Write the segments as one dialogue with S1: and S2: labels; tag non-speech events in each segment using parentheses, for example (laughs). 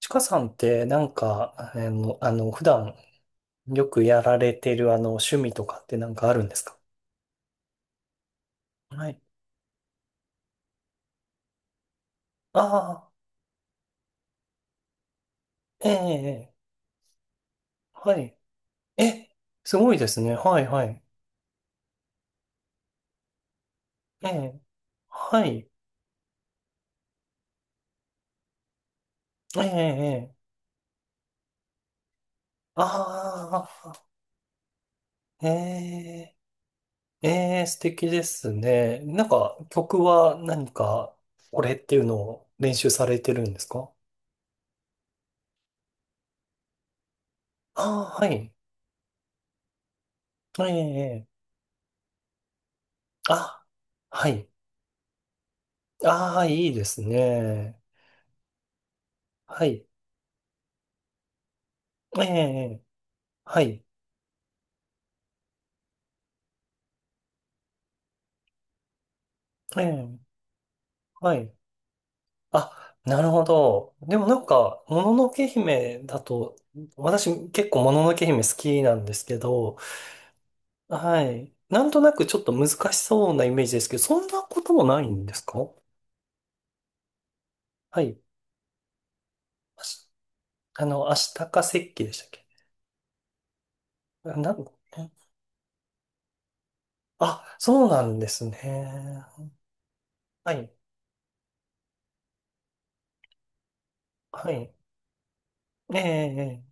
S1: ちかさんってなんか、普段よくやられてる趣味とかってなんかあるんですか？はい。ああ、ええ、ええ、はい。え、すごいですね。はい、はい。ええ、はい。ええ、ええ、ああ、ええ、ええ、素敵ですね。なんか、曲は何か、これっていうのを練習されてるんですか？ああ、はい。ええ、ええ、あ、はい。ああ、いいですね。はい。ええ、はい、ええ、はい。あ、なるほど。でもなんか、もののけ姫だと、私結構もののけ姫好きなんですけど、はい。なんとなくちょっと難しそうなイメージですけど、そんなこともないんですか？はい。あしあの、アシタカ石器でしたっけ？あなん、あ、そうなんですね。はい、はい。ええ、ええ。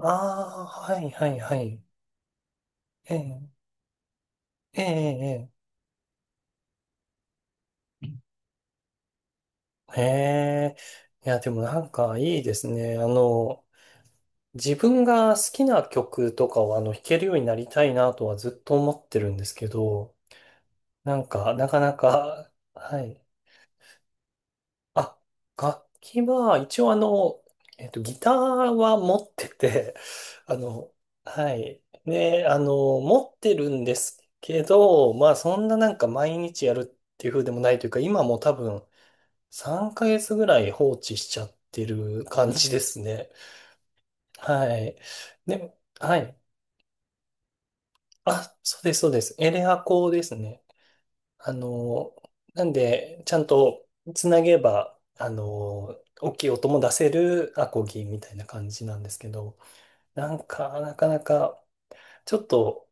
S1: ああ、はい、はい、はい。ええ、ええ、ええ。へえ。いや、でもなんかいいですね。自分が好きな曲とかを弾けるようになりたいなとはずっと思ってるんですけど、なんか、なかなか、はい。あ、楽器は一応ギターは持ってて、(laughs) あの、はい。ね、持ってるんですけど、まあそんななんか毎日やるっていう風でもないというか、今も多分、3ヶ月ぐらい放置しちゃってる感じですね。はい。でも、はい。あ、そうです、そうです。エレアコですね。あの、なんで、ちゃんとつなげば、大きい音も出せるアコギみたいな感じなんですけど、なんか、なかなか、ちょっと、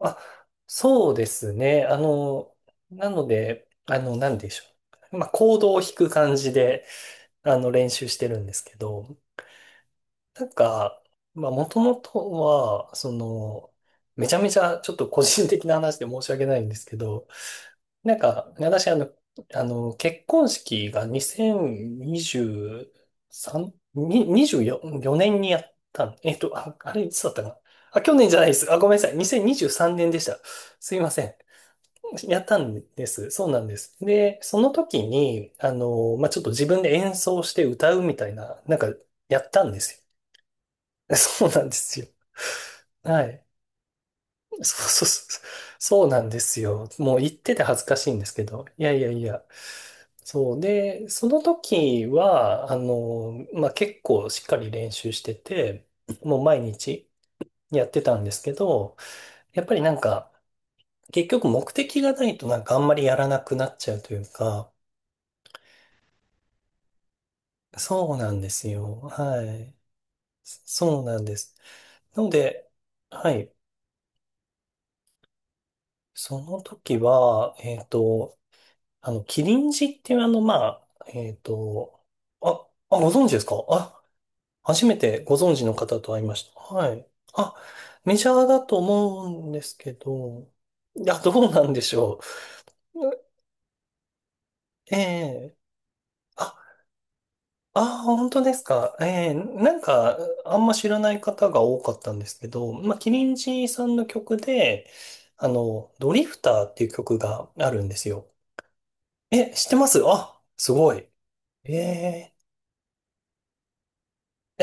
S1: あ、そうですね。なので、なんでしょう。まあ、コードを弾く感じで、練習してるんですけど、なんか、まあ、もともとは、めちゃめちゃちょっと個人的な話で申し訳ないんですけど、なんか、私、結婚式が2023、に24、4年にやったん、あ、あれ、いつだったかな。あ、去年じゃないです。あ、ごめんなさい。2023年でした。すいません。やったんです。そうなんです。で、その時に、まあ、ちょっと自分で演奏して歌うみたいな、なんか、やったんですよ。(laughs) そうなんですよ。はい。そうそうそう。そうなんですよ。もう言ってて恥ずかしいんですけど。いやいやいや。そう。で、その時は、まあ、結構しっかり練習してて、もう毎日やってたんですけど、やっぱりなんか、結局目的がないとなんかあんまりやらなくなっちゃうというか、そうなんですよ。はい。そうなんです。なので、はい。その時は、キリンジっていうまあ、あ、あ、ご存知ですか？あ、初めてご存知の方と会いました。はい。あ、メジャーだと思うんですけど、いや、どうなんでしょう。ええ、あ、あ、本当ですか？ええ、なんか、あんま知らない方が多かったんですけど、まあ、キリンジさんの曲で、ドリフターっていう曲があるんですよ。え、知ってます？あ、すごい。ええ。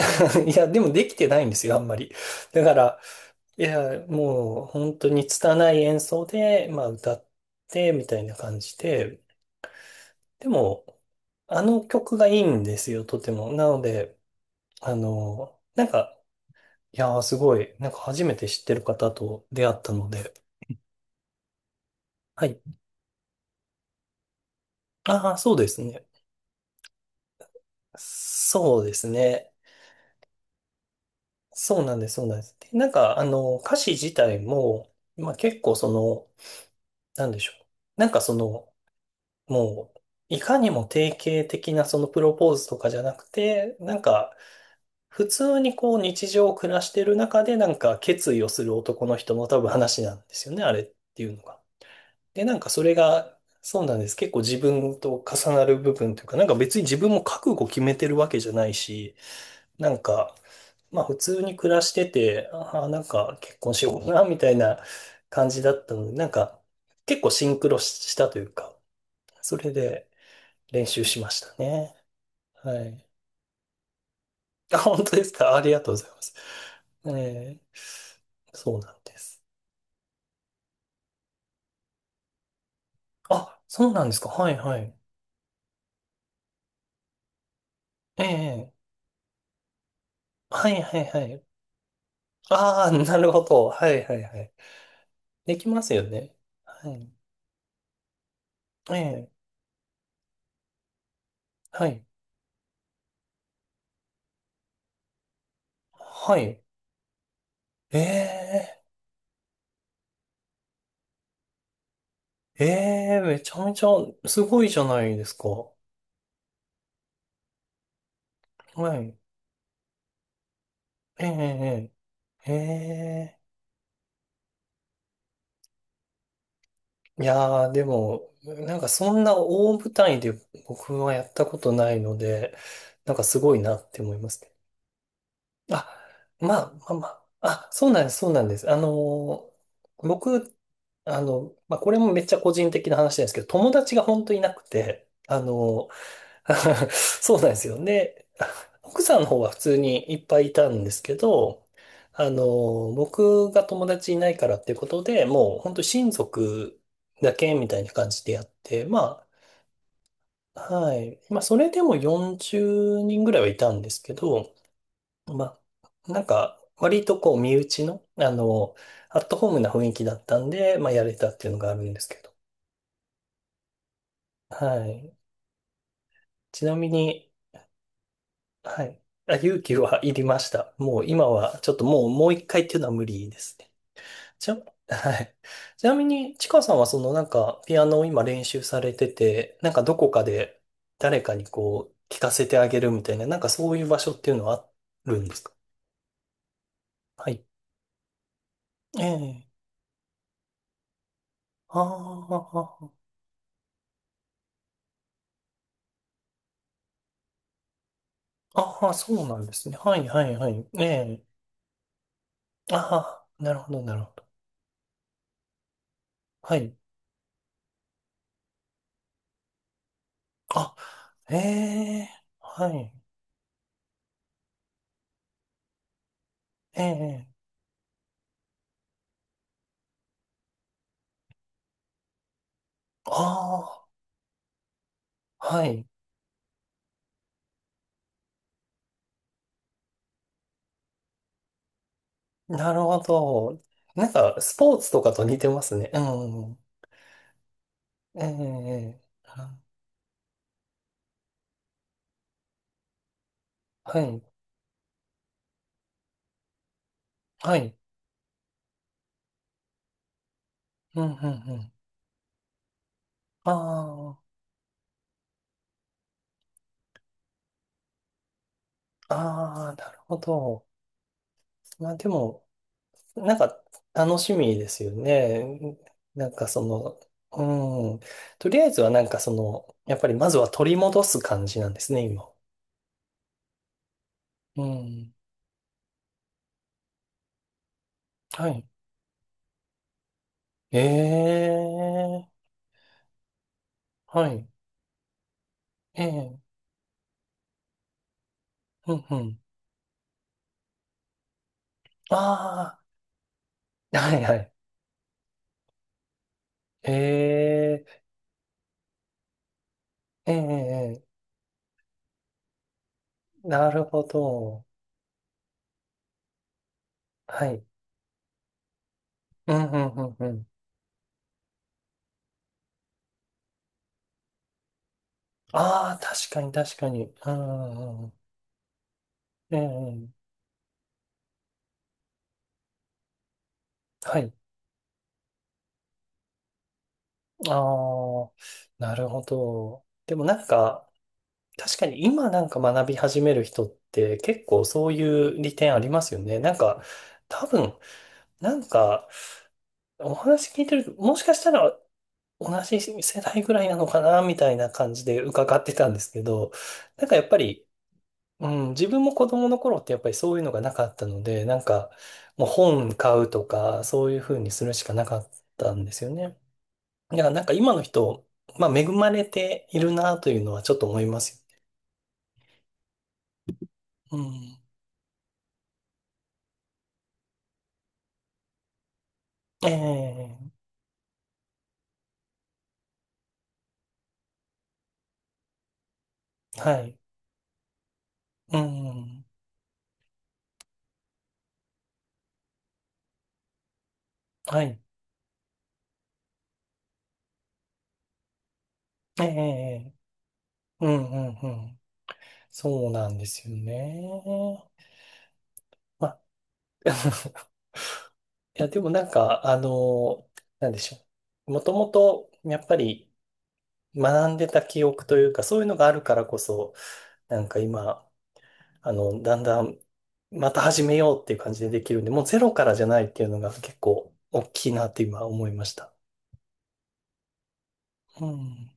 S1: (laughs) いや、でもできてないんですよ、あんまり。だから、いや、もう本当に拙い演奏で、まあ歌って、みたいな感じで、でも、あの曲がいいんですよ、とても。なので、なんか、いやー、すごい、なんか初めて知ってる方と出会ったので、はい。ああ、そうですね。そうですね。そうなんです、そうなんです。で、なんか、歌詞自体も、まあ結構なんでしょう。なんかもう、いかにも定型的なそのプロポーズとかじゃなくて、なんか、普通にこう日常を暮らしてる中でなんか決意をする男の人の多分話なんですよね、あれっていうのが。で、なんかそれが、そうなんです。結構自分と重なる部分というか、なんか別に自分も覚悟決めてるわけじゃないし、なんか、まあ普通に暮らしてて、ああ、なんか結婚しようかな、みたいな感じだったので、なんか結構シンクロしたというか、それで、練習しましたね。はい。あ、本当ですか？ありがとうございます。ええ、そうなんです。あ、そうなんですか？はいはい。ええ、はいはいはい。ああ、なるほど。はいはいはい。できますよね。はい。ええ、はい。はい。ええ、ええ、めちゃめちゃすごいじゃないですか。はい。ええ、ええ、ええ。いやー、でも、なんかそんな大舞台で僕はやったことないので、なんかすごいなって思いますね。あ、まあ、あ、そうなんです、そうなんです。ー僕、まあ、これもめっちゃ個人的な話なんですけど、友達が本当いなくて、(laughs) そうなんですよ。で、奥さんの方は普通にいっぱいいたんですけど、僕が友達いないからっていうことで、もう本当親族だけみたいな感じでやって、まあ、はい。まあ、それでも40人ぐらいはいたんですけど、まあ、なんか、割とこう、身内の、アットホームな雰囲気だったんで、まあ、やれたっていうのがあるんですけど、はい。ちなみに、はい。あ、勇気はいりました。もう今は、ちょっともう、もう一回っていうのは無理ですね。ちな、(laughs) はい。ちなみに、ちかさんはなんか、ピアノを今練習されてて、なんかどこかで誰かにこう、聞かせてあげるみたいな、なんかそういう場所っていうのはあるんですか？はい。ええ。ああ、ああ、そうなんですね。はい、はい、はい。ええ。ああ、なるほど、なるほど。はい。あ、ええ、はい。ええ、ああ、はい。なるほど。なんか、スポーツとかと似てますね。うん。ええ、ええ、あ、はい。はい。うん、うん、うん。ああ、ああ、なるほど。まあでも、なんか、楽しみですよね。なんかうん。とりあえずはなんかやっぱりまずは取り戻す感じなんですね、今。うん。はい。ええ、はい。ええ、うん、うん。ああ、はい、はい。ええええ、ええ、なるほど。はい。うん、うん、うん、うん。ああ、確かに、確かに。うん、うんうん。ええ、はい。ああ、なるほど。でもなんか、確かに今なんか学び始める人って結構そういう利点ありますよね。なんか、多分、なんか、お話聞いてると、もしかしたら同じ世代ぐらいなのかな、みたいな感じで伺ってたんですけど、なんかやっぱり、うん、自分も子供の頃ってやっぱりそういうのがなかったので、なんかもう本買うとかそういうふうにするしかなかったんですよね。だからなんか今の人、まあ恵まれているなというのはちょっと思いますよね。うん。ええ、はい。うん。はい。ええ、うんうんうん。そうなんですよね。まあ (laughs)、いやでもなんか、なんでしょう。もともとやっぱり学んでた記憶というか、そういうのがあるからこそ、なんか今、だんだん、また始めようっていう感じでできるんで、もうゼロからじゃないっていうのが結構大きいなって今思いました。うん。